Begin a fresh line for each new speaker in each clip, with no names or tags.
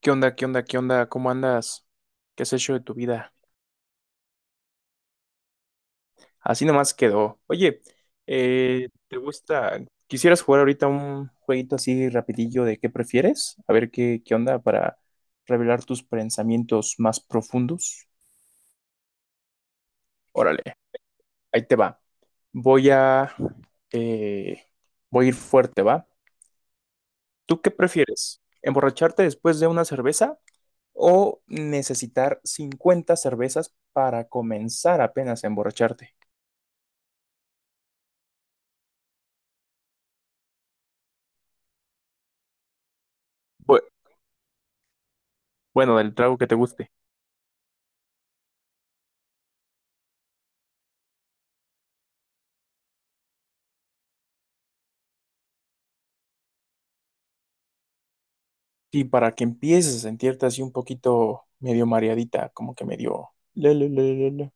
¿Qué onda? ¿Qué onda? ¿Qué onda? ¿Cómo andas? ¿Qué has hecho de tu vida? Así nomás quedó. Oye, ¿te gusta? ¿Quisieras jugar ahorita un jueguito así rapidillo de qué prefieres? A ver qué onda para revelar tus pensamientos más profundos. Órale, ahí te va. Voy a, eh, Voy a ir fuerte, ¿va? ¿Tú qué prefieres? ¿Emborracharte después de una cerveza o necesitar 50 cervezas para comenzar apenas a emborracharte? Bueno, del trago que te guste. Y para que empieces a sentirte así un poquito medio mareadita, como que medio la, la, la, la, la.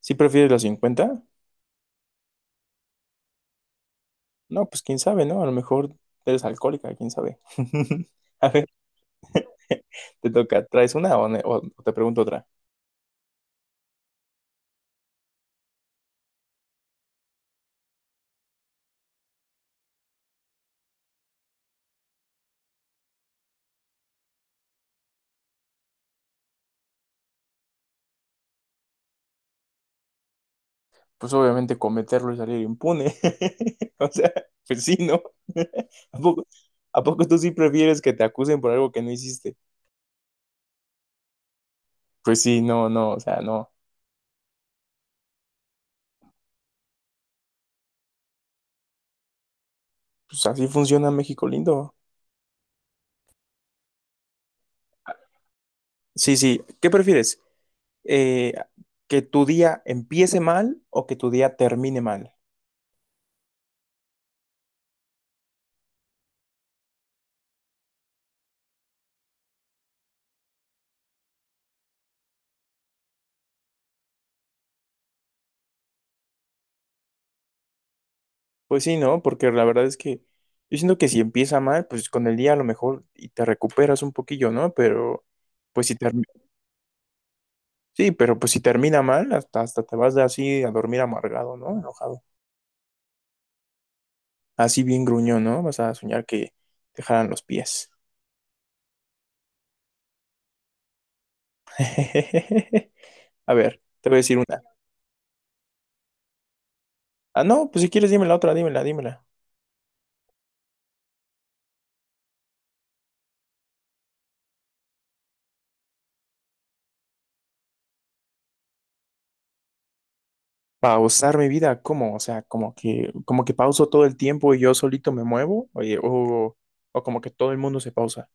¿Sí prefieres los 50? No, pues quién sabe, ¿no? A lo mejor eres alcohólica, quién sabe. A ver, te toca, ¿traes una o, o te pregunto otra? Pues obviamente cometerlo y salir impune. O sea, pues sí, ¿no? ¿A poco, a poco tú sí prefieres que te acusen por algo que no hiciste? Pues sí, no, no, o sea, no. Pues así funciona México lindo. Sí, sí. ¿Qué prefieres? Eh, ¿Que tu día empiece mal o que tu día termine mal? Pues sí, ¿no? Porque la verdad es que yo siento que si empieza mal, pues con el día a lo mejor y te recuperas un poquillo, ¿no? Pero pues si termi- sí, pero pues si termina mal, hasta te vas de así a dormir amargado, ¿no? Enojado. Así bien gruñón, ¿no? Vas a soñar que te jalan los pies. A ver, te voy a decir una. Ah, no, pues si quieres, dímela. Pausar mi vida, ¿cómo? O sea, como que pauso todo el tiempo y yo solito me muevo, oye, o como que todo el mundo se pausa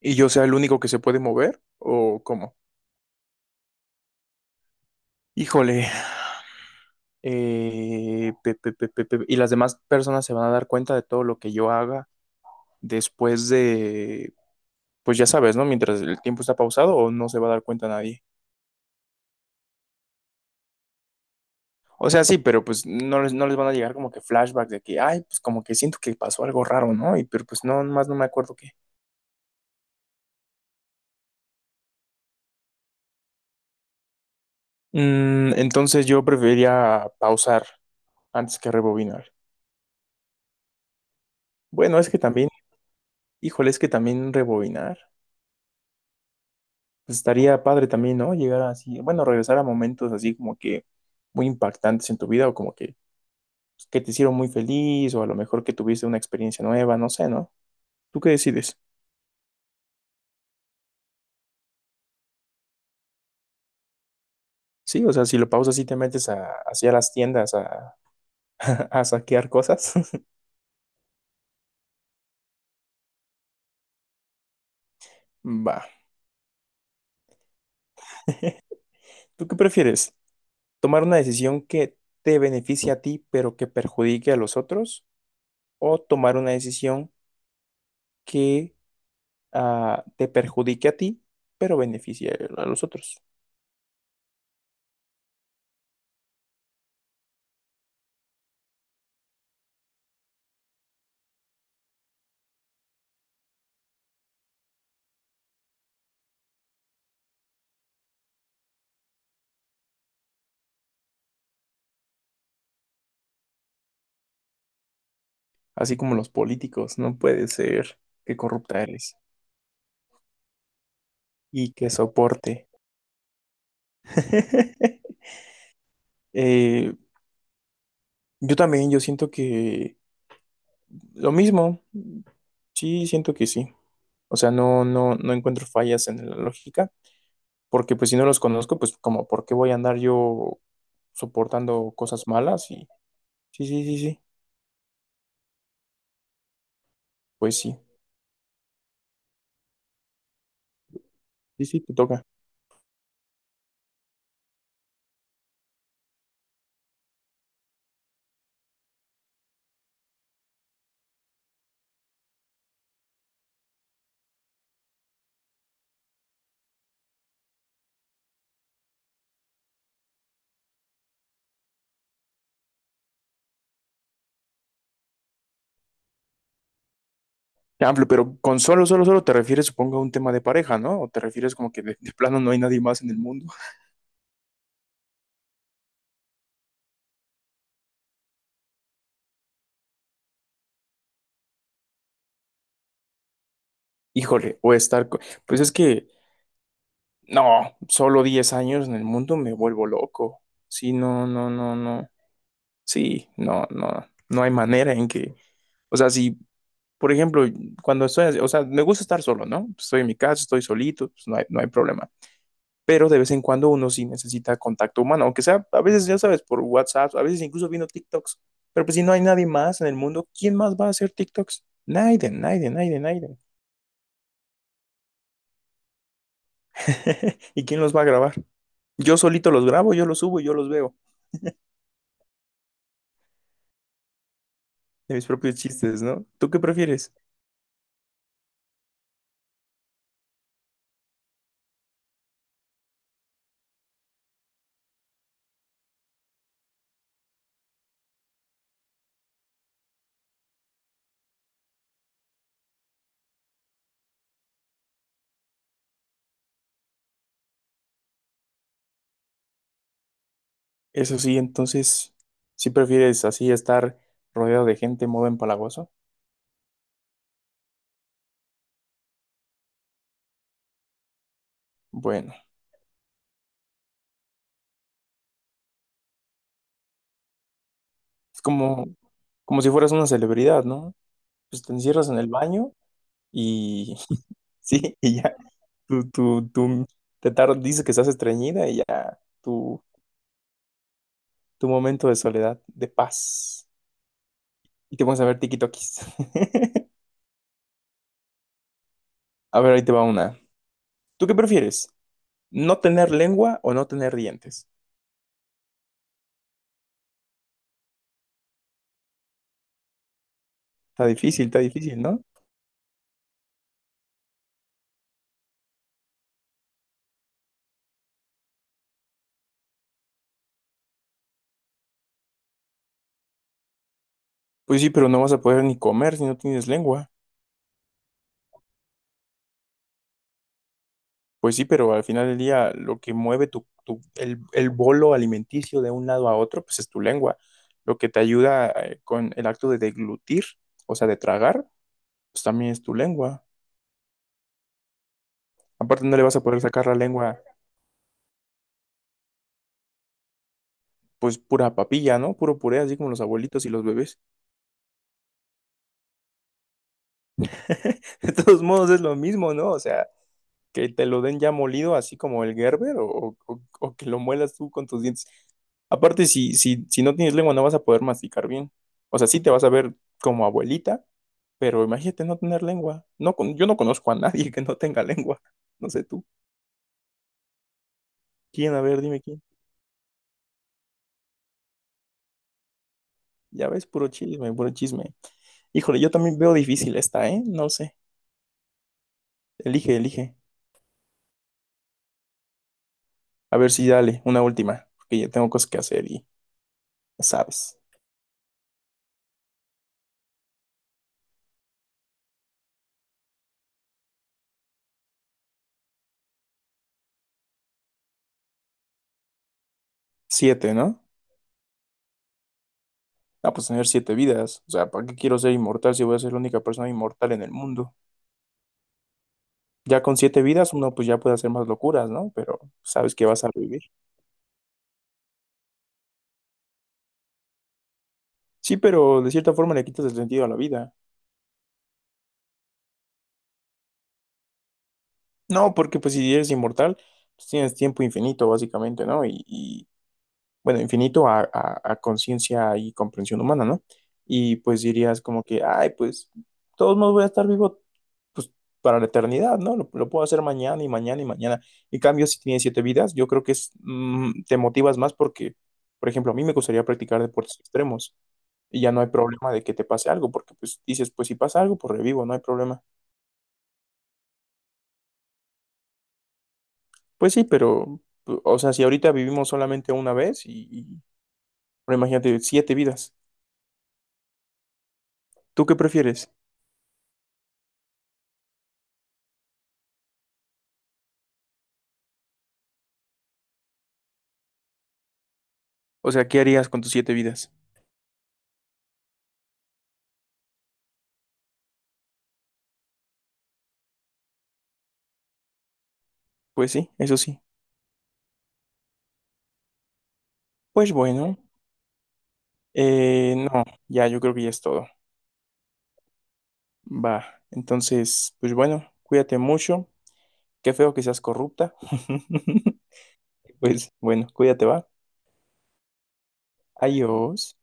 y yo sea el único que se puede mover, o cómo. Híjole, y las demás personas se van a dar cuenta de todo lo que yo haga después de, pues ya sabes, ¿no? Mientras el tiempo está pausado o no se va a dar cuenta nadie. O sea, sí, pero pues no les van a llegar como que flashbacks de que, ay, pues como que siento que pasó algo raro, ¿no? Y pero pues no, más no me acuerdo qué. Entonces yo preferiría pausar antes que rebobinar. Bueno, es que también, híjole, es que también rebobinar. Pues, estaría padre también, ¿no? Llegar así, bueno, regresar a momentos así como que muy impactantes en tu vida o como que, pues, que te hicieron muy feliz o a lo mejor que tuviste una experiencia nueva, no sé, ¿no? ¿Tú qué decides? Sí, o sea, si lo pausas y te metes a, hacia las tiendas a, a saquear cosas. Va. ¿Tú qué prefieres? ¿Tomar una decisión que te beneficie a ti pero que perjudique a los otros? O tomar una decisión que te perjudique a ti, pero beneficie a los otros. Así como los políticos, no puede ser que corrupta eres y que soporte. Eh, yo también, yo siento que lo mismo, sí, siento que sí. O sea, no, no, no encuentro fallas en la lógica, porque pues si no los conozco, pues como, ¿por qué voy a andar yo soportando cosas malas? Y sí, sí, sí, sí, pues sí, sí, sí, te toca. Amplio, pero con solo, solo, solo te refieres, supongo, a un tema de pareja, ¿no? O te refieres como que de plano no hay nadie más en el mundo. Híjole, Pues es que, no, solo 10 años en el mundo me vuelvo loco. Sí, no, no, no, no. Sí, no, no. No hay manera en que. O sea, si, por ejemplo, O sea, me gusta estar solo, ¿no? Estoy en mi casa, estoy solito, pues no hay problema. Pero de vez en cuando uno sí necesita contacto humano, aunque sea a veces, ya sabes, por WhatsApp, a veces incluso viendo TikToks, pero pues si no hay nadie más en el mundo, ¿quién más va a hacer TikToks? Nadie, nadie, nadie, nadie. ¿Y quién los va a grabar? Yo solito los grabo, yo los subo y yo los veo de mis propios chistes, ¿no? ¿Tú qué prefieres? Eso sí, entonces, si prefieres así estar rodeado de gente modo empalagoso? Bueno, es como, como si fueras una celebridad, ¿no? Pues te encierras en el baño y sí, y ya. Tú dices que estás estreñida y ya tu momento de soledad, de paz. Y te pones a ver tikitokis. A ver, ahí te va una. ¿Tú qué prefieres? ¿No tener lengua o no tener dientes? Está difícil, ¿no? Pues sí, pero no vas a poder ni comer si no tienes lengua. Pues sí, pero al final del día lo que mueve el bolo alimenticio de un lado a otro, pues es tu lengua. Lo que te ayuda con el acto de deglutir, o sea, de tragar, pues también es tu lengua. Aparte no le vas a poder sacar la lengua, pues pura papilla, ¿no? Puro puré, así como los abuelitos y los bebés. De todos modos es lo mismo, ¿no? O sea, que te lo den ya molido, así como el Gerber, o que lo muelas tú con tus dientes. Aparte, si no tienes lengua, no vas a poder masticar bien. O sea, sí te vas a ver como abuelita, pero imagínate no tener lengua. No, yo no conozco a nadie que no tenga lengua. No sé tú. ¿Quién? A ver, dime quién. Ya ves, puro chisme, puro chisme. Híjole, yo también veo difícil esta, ¿eh? No sé. Elige, elige. A ver si dale, una última, porque ya tengo cosas que hacer y ya sabes. Siete, ¿no? Ah, pues tener siete vidas. O sea, ¿para qué quiero ser inmortal si voy a ser la única persona inmortal en el mundo? Ya con siete vidas uno pues ya puede hacer más locuras, ¿no? Pero sabes que vas a vivir. Sí, pero de cierta forma le quitas el sentido a la vida. No, porque pues si eres inmortal, pues tienes tiempo infinito básicamente, ¿no? Y, bueno, infinito a conciencia y comprensión humana, ¿no? Y pues dirías como que, ay, pues, de todos modos voy a estar vivo, pues, para la eternidad, ¿no? Lo puedo hacer mañana y mañana y mañana. En cambio, si tienes siete vidas, yo creo que es, te motivas más porque, por ejemplo, a mí me gustaría practicar deportes extremos y ya no hay problema de que te pase algo, porque pues dices, pues si pasa algo, pues revivo, no hay problema. Pues sí, pero, pues, o sea, si ahorita vivimos solamente una vez pero imagínate, siete vidas. ¿Tú qué prefieres? O sea, ¿qué harías con tus siete vidas? Pues sí, eso sí. Pues bueno, no, ya yo creo que ya es todo. Va, entonces, pues bueno, cuídate mucho. Qué feo que seas corrupta. Pues bueno, cuídate, va. Adiós.